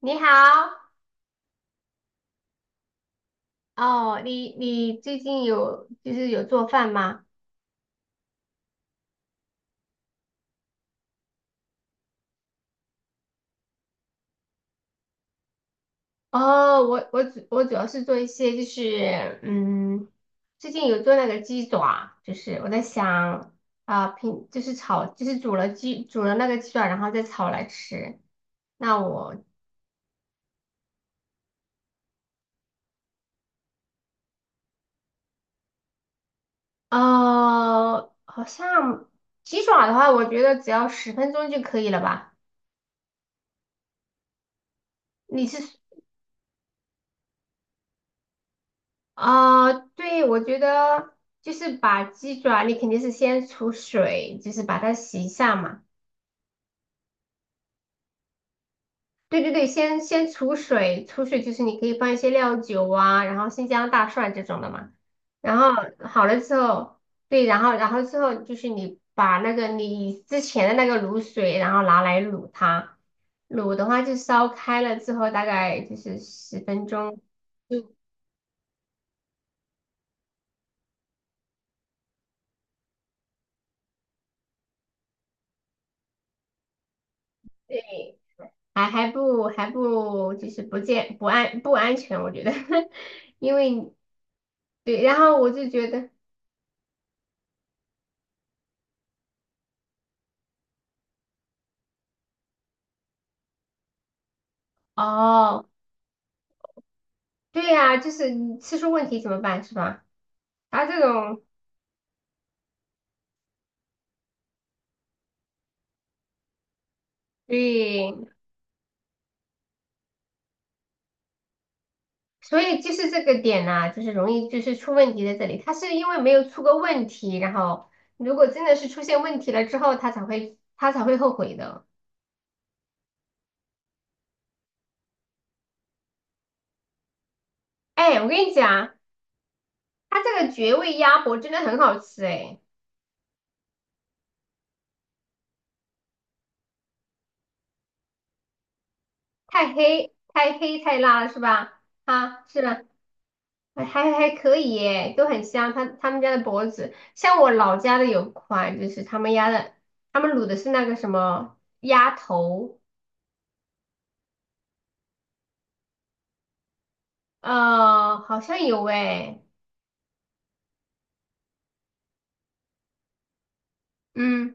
你好。哦，你最近有就是有做饭吗？哦，我主要是做一些就是最近有做那个鸡爪，就是我在想啊，平就是炒就是煮了鸡煮了那个鸡爪，然后再炒来吃。那我好像鸡爪的话，我觉得只要十分钟就可以了吧？你是啊、对，我觉得就是把鸡爪，你肯定是先除水，就是把它洗一下嘛。对对对，先除水就是你可以放一些料酒啊，然后新疆大蒜这种的嘛。然后好了之后，对，然后之后就是你把那个你之前的那个卤水，然后拿来卤它。卤的话就烧开了之后，大概就是十分钟。对，还还不还不就是不健不安不安全，我觉得，因为对，然后我就觉得哦，对呀、就是吃出问题怎么办是吧？他这种对，所以就是这个点呐、就是容易就是出问题在这里，他是因为没有出过问题，然后如果真的是出现问题了之后，他才会后悔的。哎，我跟你讲，他这个绝味鸭脖真的很好吃哎。太黑太黑太辣了是吧？啊，是吧？还可以耶，都很香。他们家的脖子，像我老家的有款，就是他们家的，他们卤的是那个什么鸭头。好像有诶。嗯。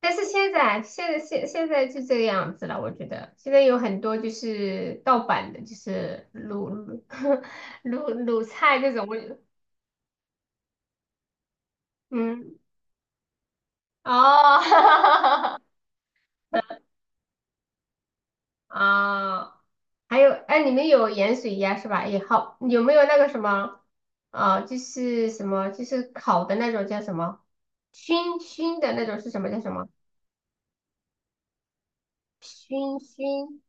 但是现在就这个样子了，我觉得现在有很多就是盗版的，就是卤 卤菜这种，嗯。哦。啊，还有，哎，你们有盐水鸭是吧？也好，有没有那个什么，啊，就是什么，就是烤的那种叫什么，熏熏的那种是什么叫什么？熏熏，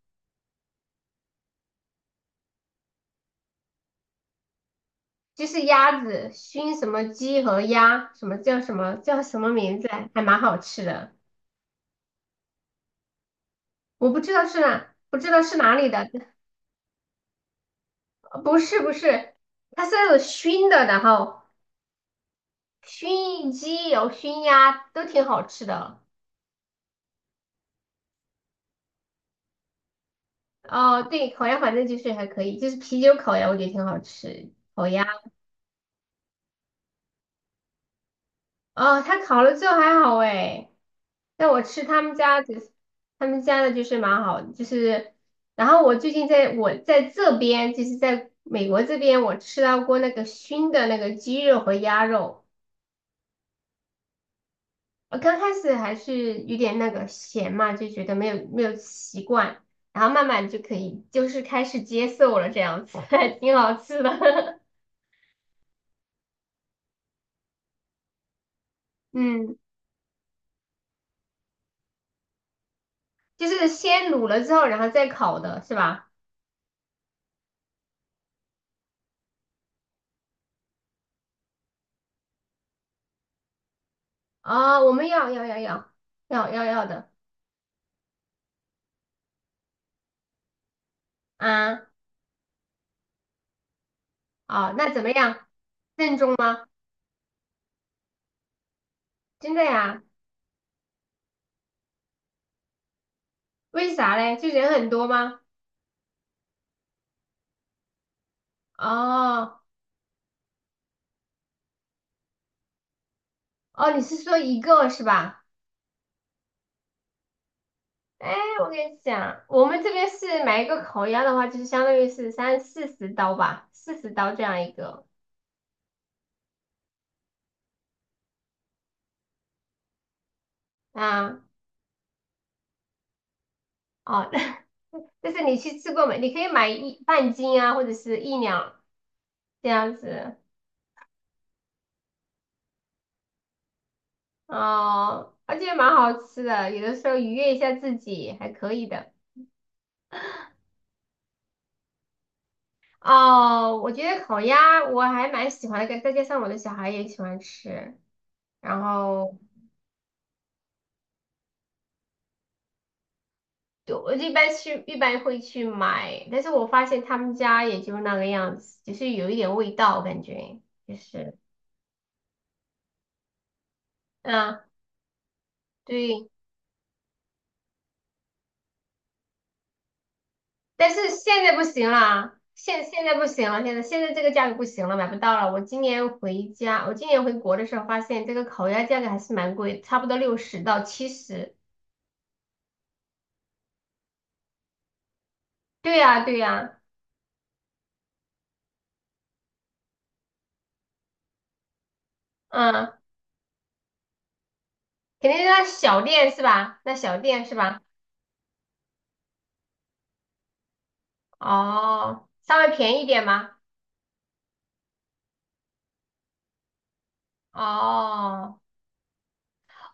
就是鸭子熏什么鸡和鸭，什么叫什么叫什么名字啊，还蛮好吃的。我不知道是哪，不知道是哪里的。不是不是，它是那种熏的，然后熏鸡有熏鸭都挺好吃的。哦，对，烤鸭反正就是还可以，就是啤酒烤鸭，我觉得挺好吃。烤鸭，哦，它烤了之后还好诶，但我吃他们家的，他们家的就是蛮好的，就是，然后我最近在这边，就是在美国这边，我吃到过那个熏的那个鸡肉和鸭肉。我刚开始还是有点那个咸嘛，就觉得没有习惯，然后慢慢就可以，就是开始接受了这样子，还挺好吃的。嗯。就是先卤了之后，然后再烤的是吧？哦，我们要的。啊！哦，那怎么样？真的呀？为啥嘞？就人很多吗？哦哦，你是说一个是吧？哎，我跟你讲，我们这边是买一个烤鸭的话，就是相当于是三四十刀吧，四十刀这样一个。啊。哦。但是你去吃过没？你可以买一半斤啊，或者是一两这样子。哦，而且蛮好吃的，有的时候愉悦一下自己还可以的。哦，我觉得烤鸭我还蛮喜欢的，再加上我的小孩也喜欢吃，然后就我一般去一般会去买，但是我发现他们家也就那个样子，就是有一点味道，感觉就是嗯，对，但是现在不行了，现在不行了，现在这个价格不行了，买不到了。我今年回家，我今年回国的时候发现这个烤鸭价格还是蛮贵，差不多60到70。对呀，对呀。嗯，肯定是那小店是吧？那小店是吧？哦，稍微便宜一点吗？哦，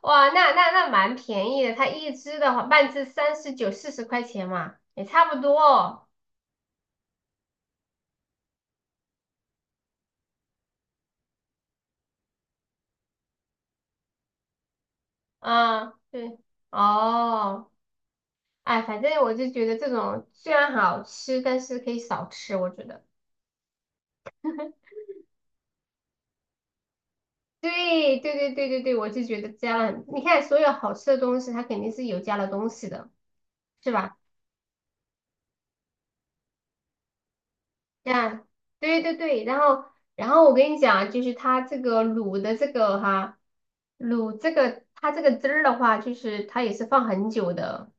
哇，那蛮便宜的，它一只的话，半只39、40块钱嘛，也差不多。嗯，对。哦。哎，反正我就觉得这种虽然好吃，但是可以少吃。我觉得，对对对对对对，我就觉得加了很你看所有好吃的东西，它肯定是有加了东西的，是吧？这对对对。然后，然后我跟你讲啊，就是它这个卤的这个哈，卤这个它这个汁儿的话，就是它也是放很久的，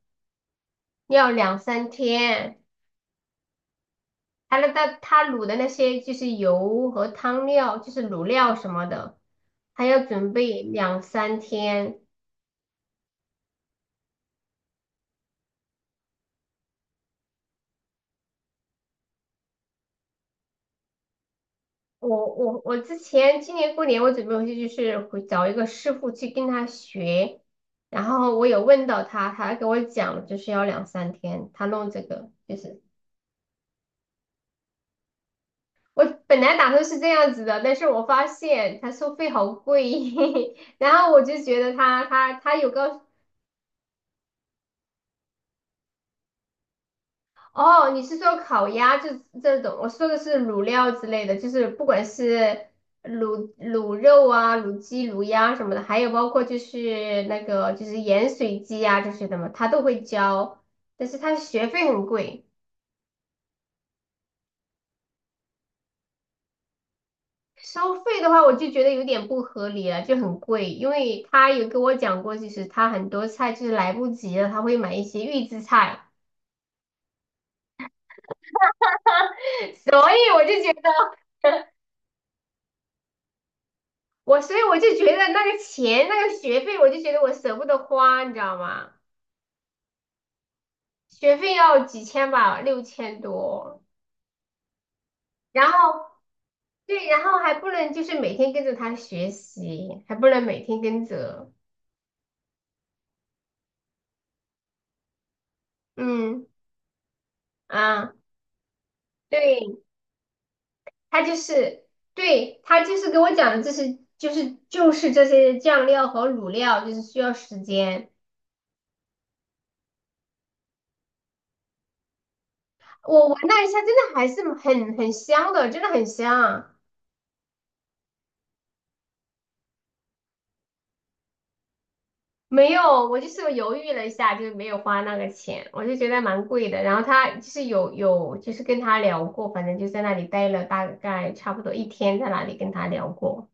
要两三天。它那它它卤的那些就是油和汤料，就是卤料什么的，还要准备两三天。我之前今年过年我准备回去就是回找一个师傅去跟他学，然后我有问到他，他给我讲就是要两三天，他弄这个就是我本来打算是这样子的，但是我发现他收费好贵，然后我就觉得他他他有告哦，你是说烤鸭这这种？我说的是卤料之类的，就是不管是卤肉啊、卤鸡、卤鸭什么的，还有包括就是那个就是盐水鸡啊这些的嘛，他都会教，但是他学费很贵。收费的话，我就觉得有点不合理了，就很贵，因为他有跟我讲过，就是他很多菜就是来不及了，他会买一些预制菜，所以我就觉得。所以我就觉得那个钱那个学费，我就觉得我舍不得花，你知道吗？学费要几千吧，6000多。然后对，然后还不能就是每天跟着他学习，还不能每天跟着。嗯。啊，对，他就是对他就是给我讲的，这是就是这些酱料和卤料，就是需要时间。我闻了一下，真的还是很香的，真的很香。没有，我就是犹豫了一下，就是没有花那个钱，我就觉得蛮贵的。然后他就是就是跟他聊过，反正就在那里待了大概差不多一天，在那里跟他聊过。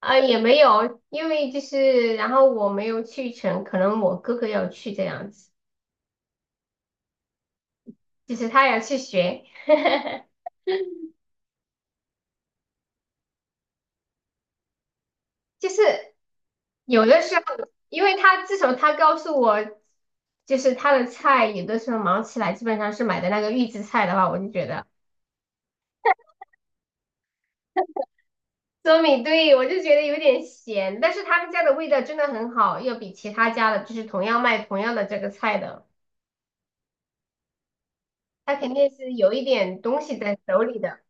啊，也没有，因为就是然后我没有去成，可能我哥哥要去这样子，就是他要去学，就是有的时候，因为他自从他告诉我，就是他的菜有的时候忙起来，基本上是买的那个预制菜的话，我就觉得。糯米，对，我就觉得有点咸，但是他们家的味道真的很好，要比其他家的，就是同样卖同样的这个菜的，他肯定是有一点东西在手里的。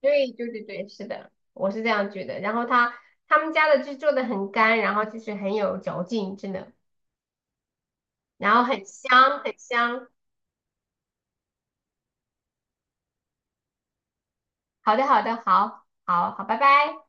对对对对，是的，我是这样觉得。然后他他们家的就做的很干，然后就是很有嚼劲，真的，然后很香很香。好的好的，好好好，拜拜。